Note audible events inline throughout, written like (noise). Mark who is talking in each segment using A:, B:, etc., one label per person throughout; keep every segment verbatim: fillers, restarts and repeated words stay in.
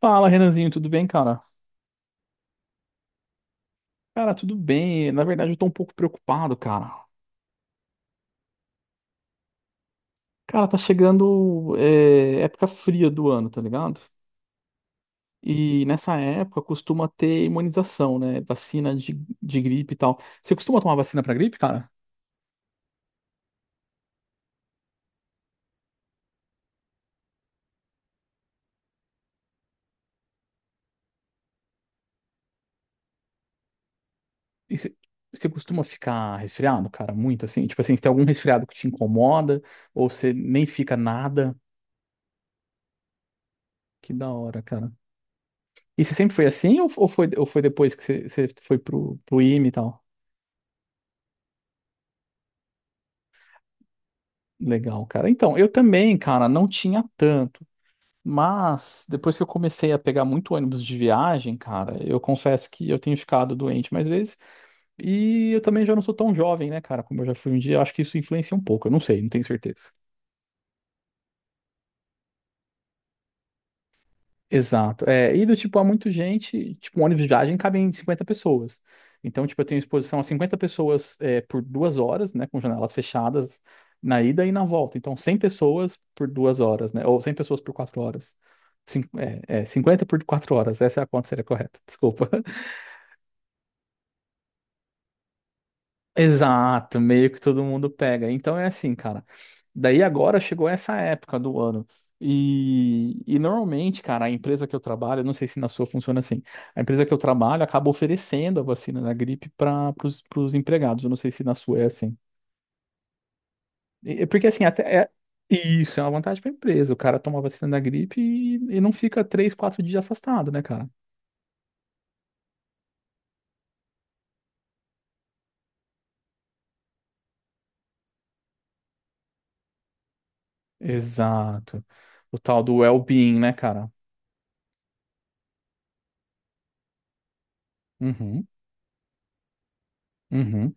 A: Fala, Renanzinho, tudo bem, cara? Cara, tudo bem. Na verdade, eu tô um pouco preocupado, cara. Cara, tá chegando é, época fria do ano, tá ligado? E nessa época costuma ter imunização, né? Vacina de, de gripe e tal. Você costuma tomar vacina pra gripe, cara? E você você costuma ficar resfriado, cara? Muito assim? Tipo assim, se tem algum resfriado que te incomoda, ou você nem fica nada. Que da hora, cara. E você sempre foi assim, ou, ou foi, ou foi depois que você, você foi pro, pro IME e tal? Legal, cara. Então, eu também, cara, não tinha tanto. Mas depois que eu comecei a pegar muito ônibus de viagem, cara, eu confesso que eu tenho ficado doente mais vezes. E eu também já não sou tão jovem, né, cara, como eu já fui um dia. Eu acho que isso influencia um pouco. Eu não sei, não tenho certeza. Exato. É, e do tipo, há muita gente, tipo, um ônibus de viagem cabe em cinquenta pessoas. Então, tipo, eu tenho exposição a cinquenta pessoas é, por duas horas, né, com janelas fechadas na ida e na volta. Então, cem pessoas por duas horas, né, ou cem pessoas por quatro horas. Cin- é, é, cinquenta por quatro horas, essa é a conta que seria correta, desculpa. Exato, meio que todo mundo pega. Então é assim, cara. Daí agora chegou essa época do ano. E, e normalmente, cara, a empresa que eu trabalho, eu não sei se na sua funciona assim, a empresa que eu trabalho acaba oferecendo a vacina da gripe para os empregados. Eu não sei se na sua é assim. E- e porque assim, até é, isso é uma vantagem para a empresa. O cara toma a vacina da gripe e, e não fica três, quatro dias afastado, né, cara? Exato. O tal do well-being, né, cara? Uhum, uhum.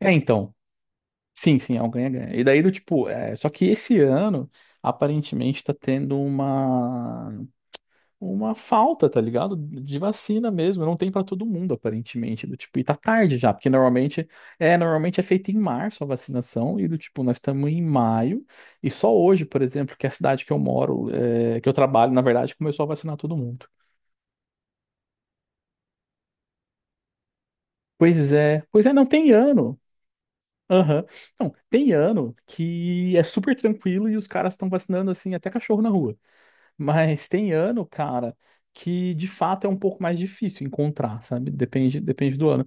A: É, então. Sim, sim, é um ganha-ganha. E daí, do tipo, é, só que esse ano, aparentemente, tá tendo uma, uma falta, tá ligado? De vacina mesmo, não tem pra todo mundo, aparentemente, do tipo, e tá tarde já, porque normalmente é, normalmente é feito em março a vacinação, e do tipo, nós estamos em maio, e só hoje, por exemplo, que é a cidade que eu moro, é, que eu trabalho, na verdade, começou a vacinar todo mundo. Pois é, pois é, não tem ano. Aham. Não, tem ano que é super tranquilo e os caras estão vacinando assim até cachorro na rua. Mas tem ano, cara, que de fato é um pouco mais difícil encontrar, sabe? Depende, depende do ano.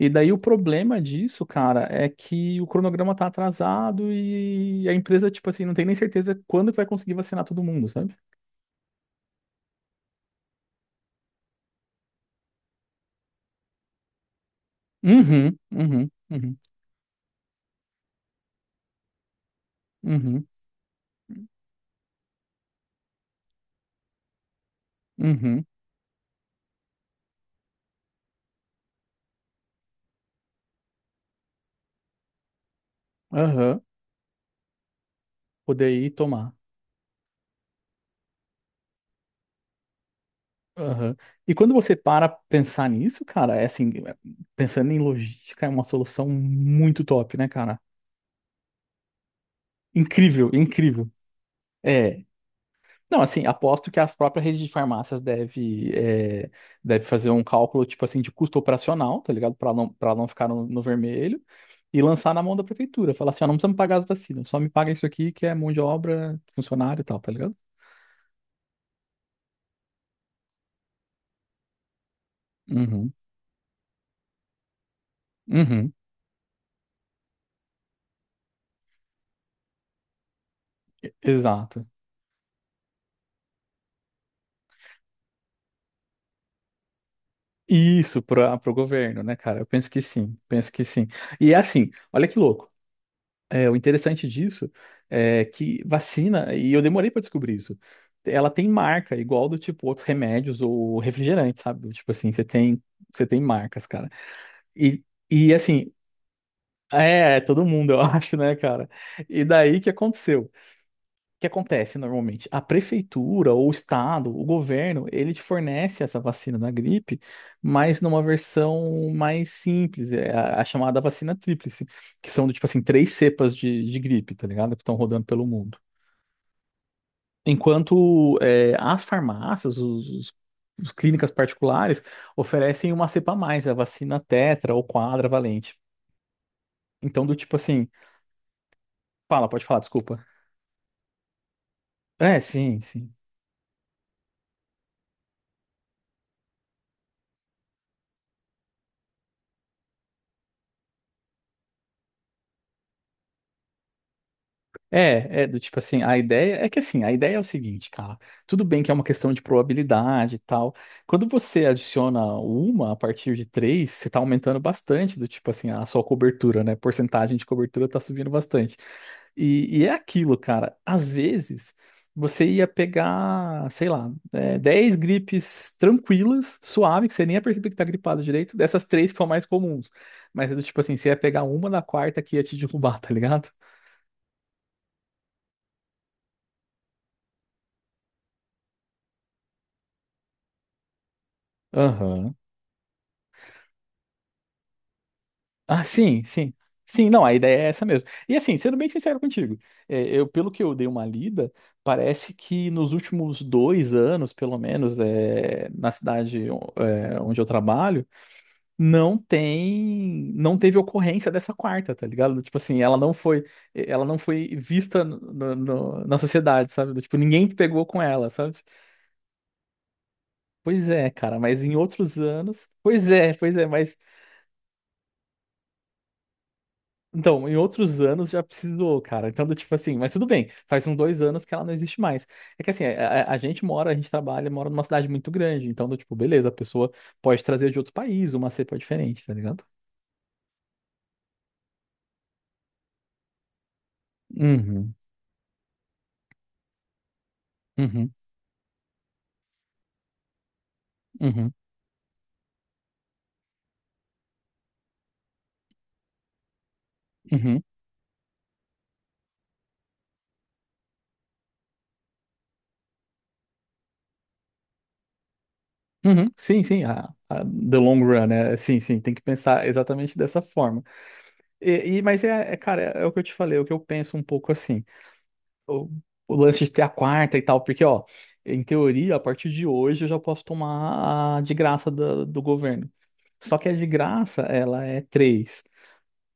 A: E daí o problema disso, cara, é que o cronograma tá atrasado e a empresa, tipo assim, não tem nem certeza quando que vai conseguir vacinar todo mundo, sabe? Uhum, uhum, uhum, uhum, uhum, aham, poder ir tomar. Aham. E quando você para pensar nisso, cara, é assim, é, pensando em logística, é uma solução muito top, né, cara? Incrível, incrível. É, não, assim, aposto que a própria rede de farmácias deve, é, deve fazer um cálculo, tipo assim, de custo operacional, tá ligado? Para não, para não ficar no, no vermelho e lançar na mão da prefeitura. Falar assim, ó, não precisa me pagar as vacinas, só me paga isso aqui que é mão de obra, funcionário e tal, tá ligado? Uhum. Uhum. e- Exato. Isso para o governo, né, cara? Eu penso que sim, penso que sim. E é assim, olha que louco. É, o interessante disso é que vacina, e eu demorei para descobrir isso, ela tem marca, igual do tipo outros remédios ou refrigerantes, sabe? Do tipo assim, você tem, você tem marcas, cara. E, e assim, é, é todo mundo, eu (laughs) acho, né, cara? E daí o que aconteceu? O que acontece normalmente? A prefeitura, ou o estado, o governo, ele te fornece essa vacina da gripe, mas numa versão mais simples, é a, a chamada vacina tríplice, que são do tipo assim, três cepas de, de gripe, tá ligado? Que estão rodando pelo mundo. Enquanto é, as farmácias, os, os- os clínicas particulares, oferecem uma cepa a mais, a vacina tetra ou quadra valente. Então, do tipo assim, fala, pode falar, desculpa. É, sim, sim. É, é do tipo assim, a ideia é que assim, a ideia é o seguinte, cara, tudo bem que é uma questão de probabilidade e tal. Quando você adiciona uma a partir de três, você tá aumentando bastante do tipo assim, a sua cobertura, né? Porcentagem de cobertura tá subindo bastante. E, e é aquilo, cara, às vezes você ia pegar, sei lá, é, dez gripes tranquilas, suave, que você nem ia perceber que tá gripado direito, dessas três que são mais comuns. Mas é do tipo assim, você ia pegar uma na quarta que ia te (laughs) derrubar, tá ligado? Aham. Ah, sim, sim. Sim, não, a ideia é essa mesmo. E assim, sendo bem sincero contigo, é, eu, pelo que eu dei uma lida, parece que nos últimos dois anos, pelo menos, é, na cidade, é, onde eu trabalho, não tem, não teve ocorrência dessa quarta, tá ligado? Tipo assim, ela não foi, eh, ela não foi vista no- no- no- na sociedade, sabe? Do tipo, ninguém pegou com ela, sabe? Pois é, cara, mas em outros anos, pois é, pois é. Mas Então, em outros anos já precisou, cara. Então, do tipo assim, mas tudo bem, faz uns dois anos que ela não existe mais. É que assim, a, a- a gente mora, a gente trabalha, mora numa cidade muito grande, então, do tipo, beleza, a pessoa pode trazer de outro país uma cepa diferente, tá ligado? Uhum, uhum, uhum, uhum, uhum. Sim, sim, a, a- the long run, né? Sim, sim, tem que pensar exatamente dessa forma. E, e- mas é, é, cara, é, o que eu te falei é o que eu penso um pouco assim. o, o lance de ter a quarta e tal, porque, ó, em teoria, a partir de hoje eu já posso tomar a de graça da- do governo. Só que a de graça, ela é três.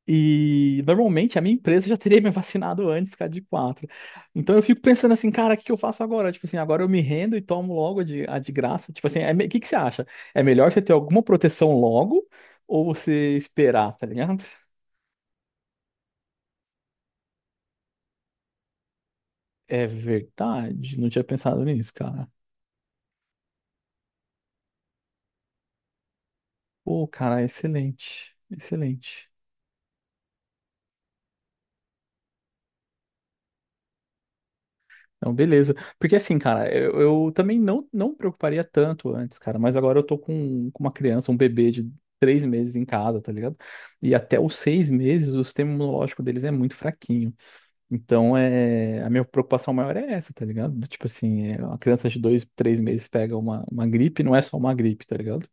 A: E normalmente a minha empresa já teria (laughs) me vacinado antes que a de quatro. Então eu fico pensando assim, cara, o que que eu faço agora? Tipo assim, agora eu me rendo e tomo logo a de, a de graça. Tipo assim, é me- o que que você acha? É melhor você ter alguma proteção logo ou você esperar, tá ligado? É verdade, não tinha pensado nisso, cara. Pô, cara, excelente, excelente. Não, beleza. Porque assim, cara, eu, eu também não, não me preocuparia tanto antes, cara, mas agora eu tô com, com uma criança, um bebê de três meses em casa, tá ligado? E até os seis meses o sistema imunológico deles é muito fraquinho. Então, é, a minha preocupação maior é essa, tá ligado? Do tipo assim, é, uma criança de dois, três meses pega uma, uma gripe, não é só uma gripe, tá ligado?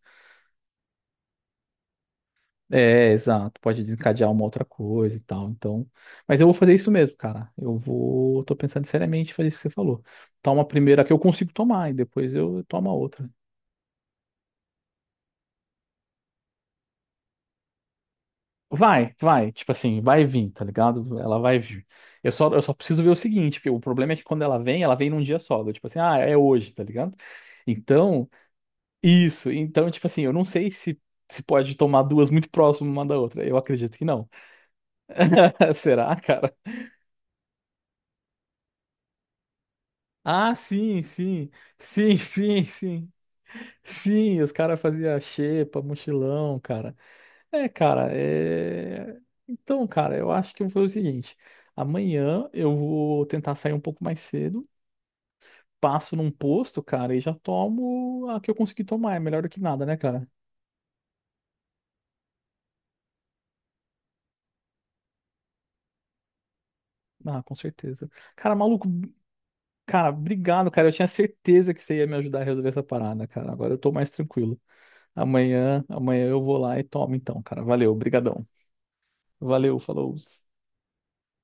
A: É, exato. Pode desencadear uma outra coisa e tal. Então, mas eu vou fazer isso mesmo, cara. Eu vou, tô pensando seriamente em fazer isso que você falou. Toma a primeira que eu consigo tomar e depois eu tomo a outra. Vai, vai, tipo assim, vai vir, tá ligado? Ela vai vir. Eu só, eu só preciso ver o seguinte, porque o problema é que quando ela vem, ela vem num dia só. Eu, tipo assim, ah, é hoje, tá ligado? Então, isso. Então, tipo assim, eu não sei se se pode tomar duas muito próximas uma da outra. Eu acredito que não. (laughs) Será, cara? Ah, sim, sim. Sim, (laughs) sim, sim. Sim, os caras faziam xepa, mochilão, cara. É, cara, é. Então, cara, eu acho que eu vou fazer o seguinte: amanhã eu vou tentar sair um pouco mais cedo, passo num posto, cara, e já tomo a que eu consegui tomar. É melhor do que nada, né, cara? Ah, com certeza. Cara, maluco, cara, obrigado, cara. Eu tinha certeza que você ia me ajudar a resolver essa parada, cara. Agora eu tô mais tranquilo. Amanhã, amanhã eu vou lá e tomo, então, cara. Valeu, brigadão. Valeu, falou.